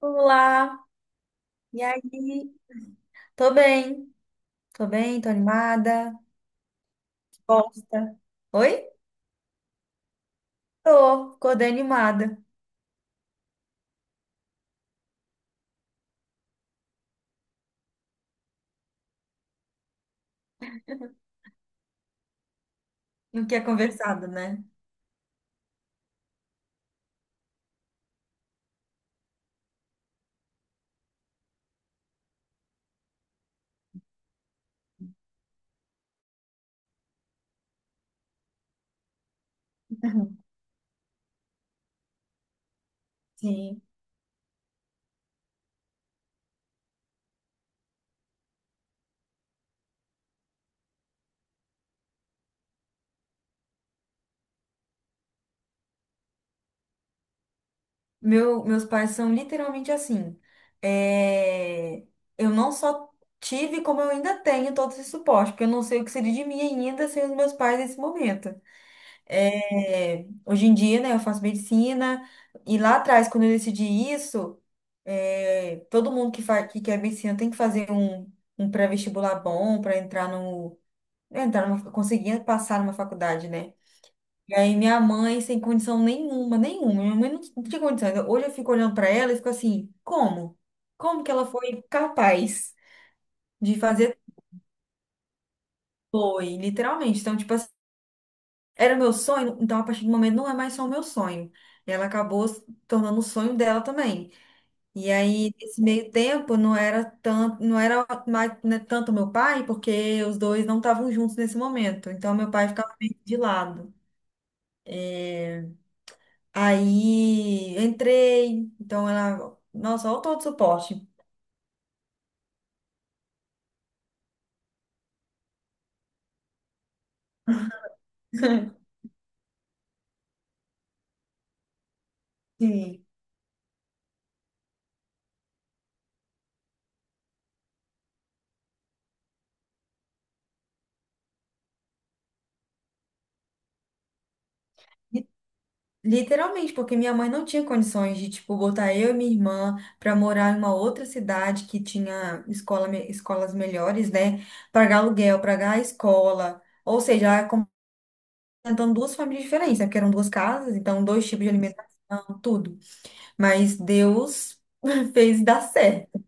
Olá, e aí? Tô bem, tô bem, tô animada. Gosta? Oi? Tô, acordei animada. Não que é conversado, né? Sim. Meus pais são literalmente assim. É, Eu não só tive, como eu ainda tenho todo esse suporte, porque eu não sei o que seria de mim ainda sem os meus pais nesse momento. Hoje em dia, né, eu faço medicina, e lá atrás, quando eu decidi isso, todo mundo faz, que quer medicina tem que fazer um pré-vestibular bom para entrar no, entrar numa, conseguir passar numa faculdade, né? E aí minha mãe, sem condição nenhuma, nenhuma, minha mãe não, não tinha condição. Hoje eu fico olhando para ela e fico assim, como? Como que ela foi capaz de fazer? Foi, literalmente. Então, tipo era o meu sonho, então a partir do momento não é mais só o meu sonho. Ela acabou se tornando o sonho dela também. E aí, nesse meio tempo, não era tanto, não era mais, né, tanto meu pai, porque os dois não estavam juntos nesse momento. Então, meu pai ficava meio de lado. Aí, entrei, então ela, nossa, olha todo o suporte. Sim. Literalmente, porque minha mãe não tinha condições de, tipo, botar eu e minha irmã para morar em uma outra cidade que tinha escola, escolas melhores, né? Pagar aluguel, pagar a escola. Ou seja, ela complementando duas famílias diferentes, né? Porque eram duas casas, então dois tipos de alimentação, tudo. Mas Deus fez dar certo.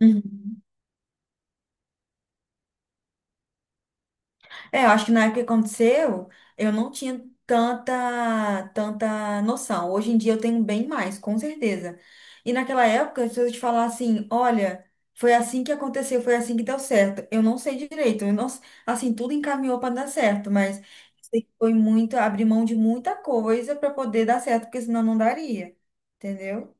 Uhum. É, eu acho que na época que aconteceu, eu não tinha tanta, tanta noção. Hoje em dia eu tenho bem mais, com certeza. E naquela época, se eu te falar assim, olha, foi assim que aconteceu, foi assim que deu certo. Eu não sei direito, eu não, assim, tudo encaminhou para dar certo, mas sei que foi muito, abrir mão de muita coisa para poder dar certo, porque senão não daria, entendeu?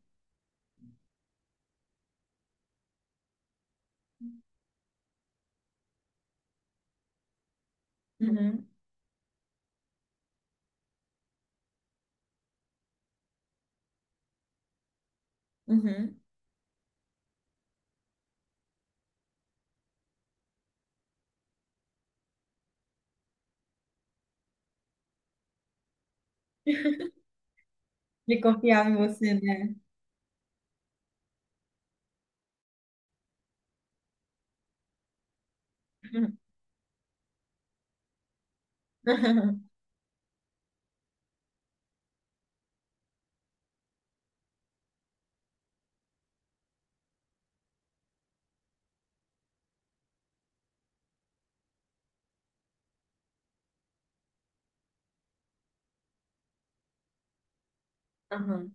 Uhum, uhum. De confiar em você, né? Uhum.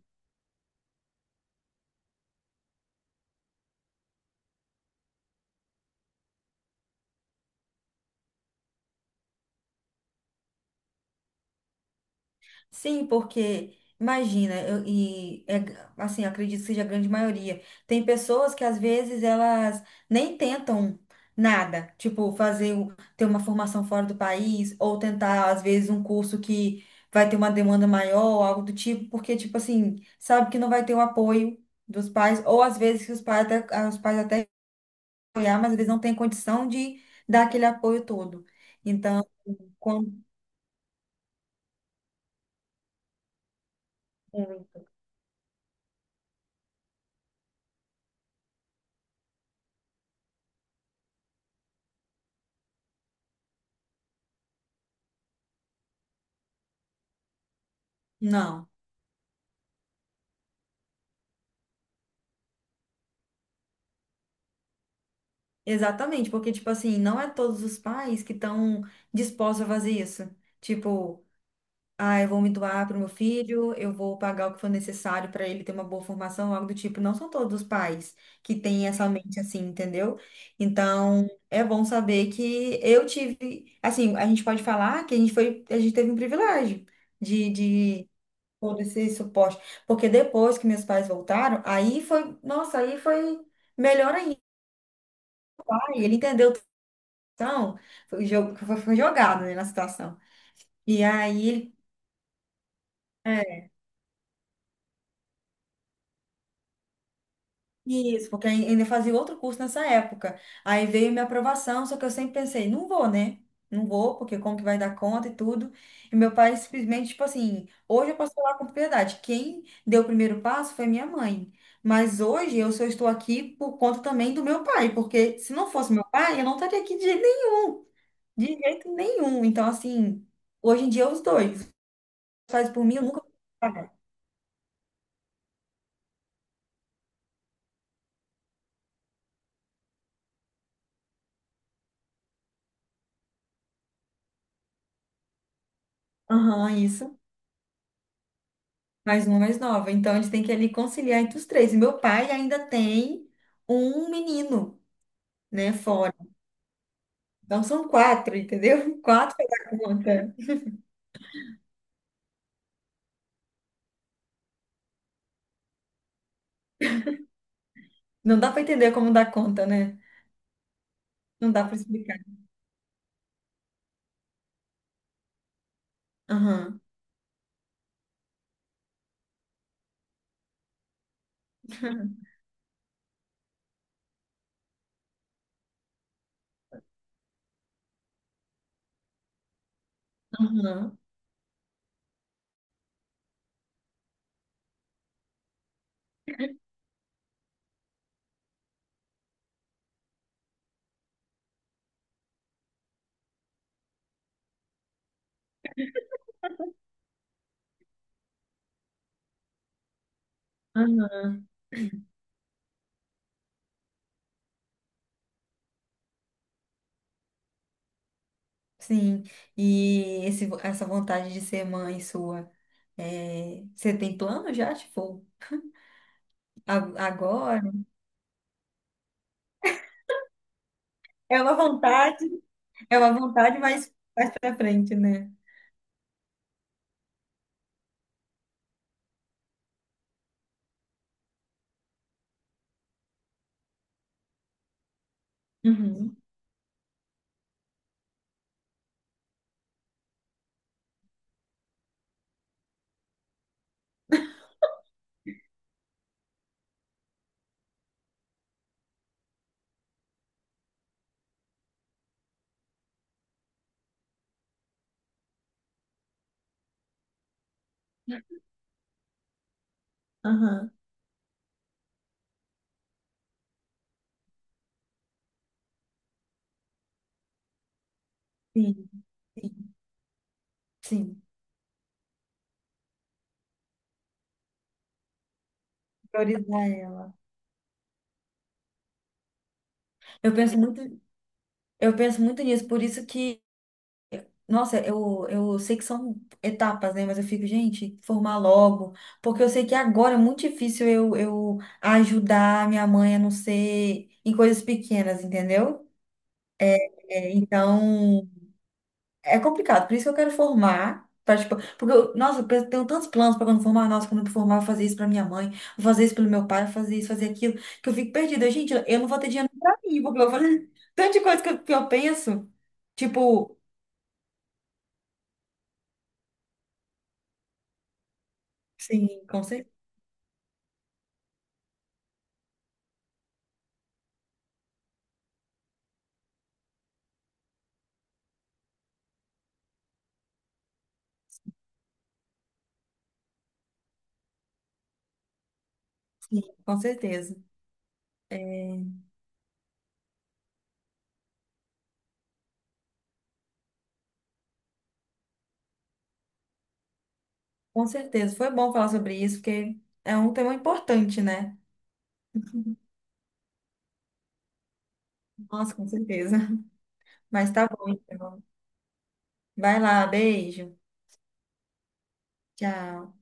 Sim, porque imagina, e é, assim, eu acredito que seja a grande maioria. Tem pessoas que às vezes elas nem tentam nada, tipo fazer ter uma formação fora do país ou tentar às vezes um curso que vai ter uma demanda maior, algo do tipo, porque tipo assim, sabe que não vai ter o apoio dos pais ou às vezes que os pais até, ah, os pais até apoiar, mas eles não têm condição de dar aquele apoio todo. Então, quando, não. Exatamente, porque, tipo assim, não é todos os pais que estão dispostos a fazer isso. Tipo, ah, eu vou me doar para o meu filho, eu vou pagar o que for necessário para ele ter uma boa formação, algo do tipo. Não são todos os pais que têm essa mente assim, entendeu? Então, é bom saber que eu tive, assim, a gente pode falar que a gente foi, a gente teve um privilégio de todo esse suporte. Porque depois que meus pais voltaram, aí foi, nossa, aí foi melhor ainda. Aí ele entendeu situação, foi, foi jogado, né, na situação. E aí ele. É, isso, porque ainda fazia outro curso nessa época. Aí veio minha aprovação, só que eu sempre pensei, não vou, né? Não vou, porque como que vai dar conta e tudo. E meu pai simplesmente, tipo assim, hoje eu posso falar com propriedade. Quem deu o primeiro passo foi minha mãe. Mas hoje eu só estou aqui por conta também do meu pai, porque se não fosse meu pai, eu não estaria aqui de jeito nenhum. De jeito nenhum. Então, assim, hoje em dia os dois. Faz por mim, eu nunca. Aham, isso. Mais uma, mais nova. Então, eles têm que ali conciliar entre os três. E meu pai ainda tem um menino, né, fora. Então, são quatro, entendeu? Quatro pra dar conta. Não dá pra entender como dá conta, né? Não dá pra explicar. Aham, aham, aham. Sim. E essa vontade de ser mãe sua, é, você tem plano já? Tipo, agora? É uma vontade, é uma vontade, mas mais pra frente, né? Uhum, aham, sim. Sim, priorizar ela. Eu penso muito, eu penso muito nisso, por isso que, nossa, eu sei que são etapas, né? Mas eu fico, gente, formar logo, porque eu sei que agora é muito difícil eu ajudar minha mãe a não ser em coisas pequenas, entendeu? É, então, é complicado, por isso que eu quero formar. Pra, tipo, porque, eu, nossa, tenho tantos planos para quando formar. Nossa, quando eu formar, eu vou fazer isso para minha mãe, vou fazer isso pelo meu pai, vou fazer isso, fazer aquilo, que eu fico perdida. Gente, eu não vou ter dinheiro para mim, porque eu vou fazer tanta coisa que eu penso. Tipo, sim, com cer- sim, com certeza. É, com certeza. Foi bom falar sobre isso, porque é um tema importante, né? Nossa, com certeza. Mas tá bom, então. Vai lá, beijo. Tchau.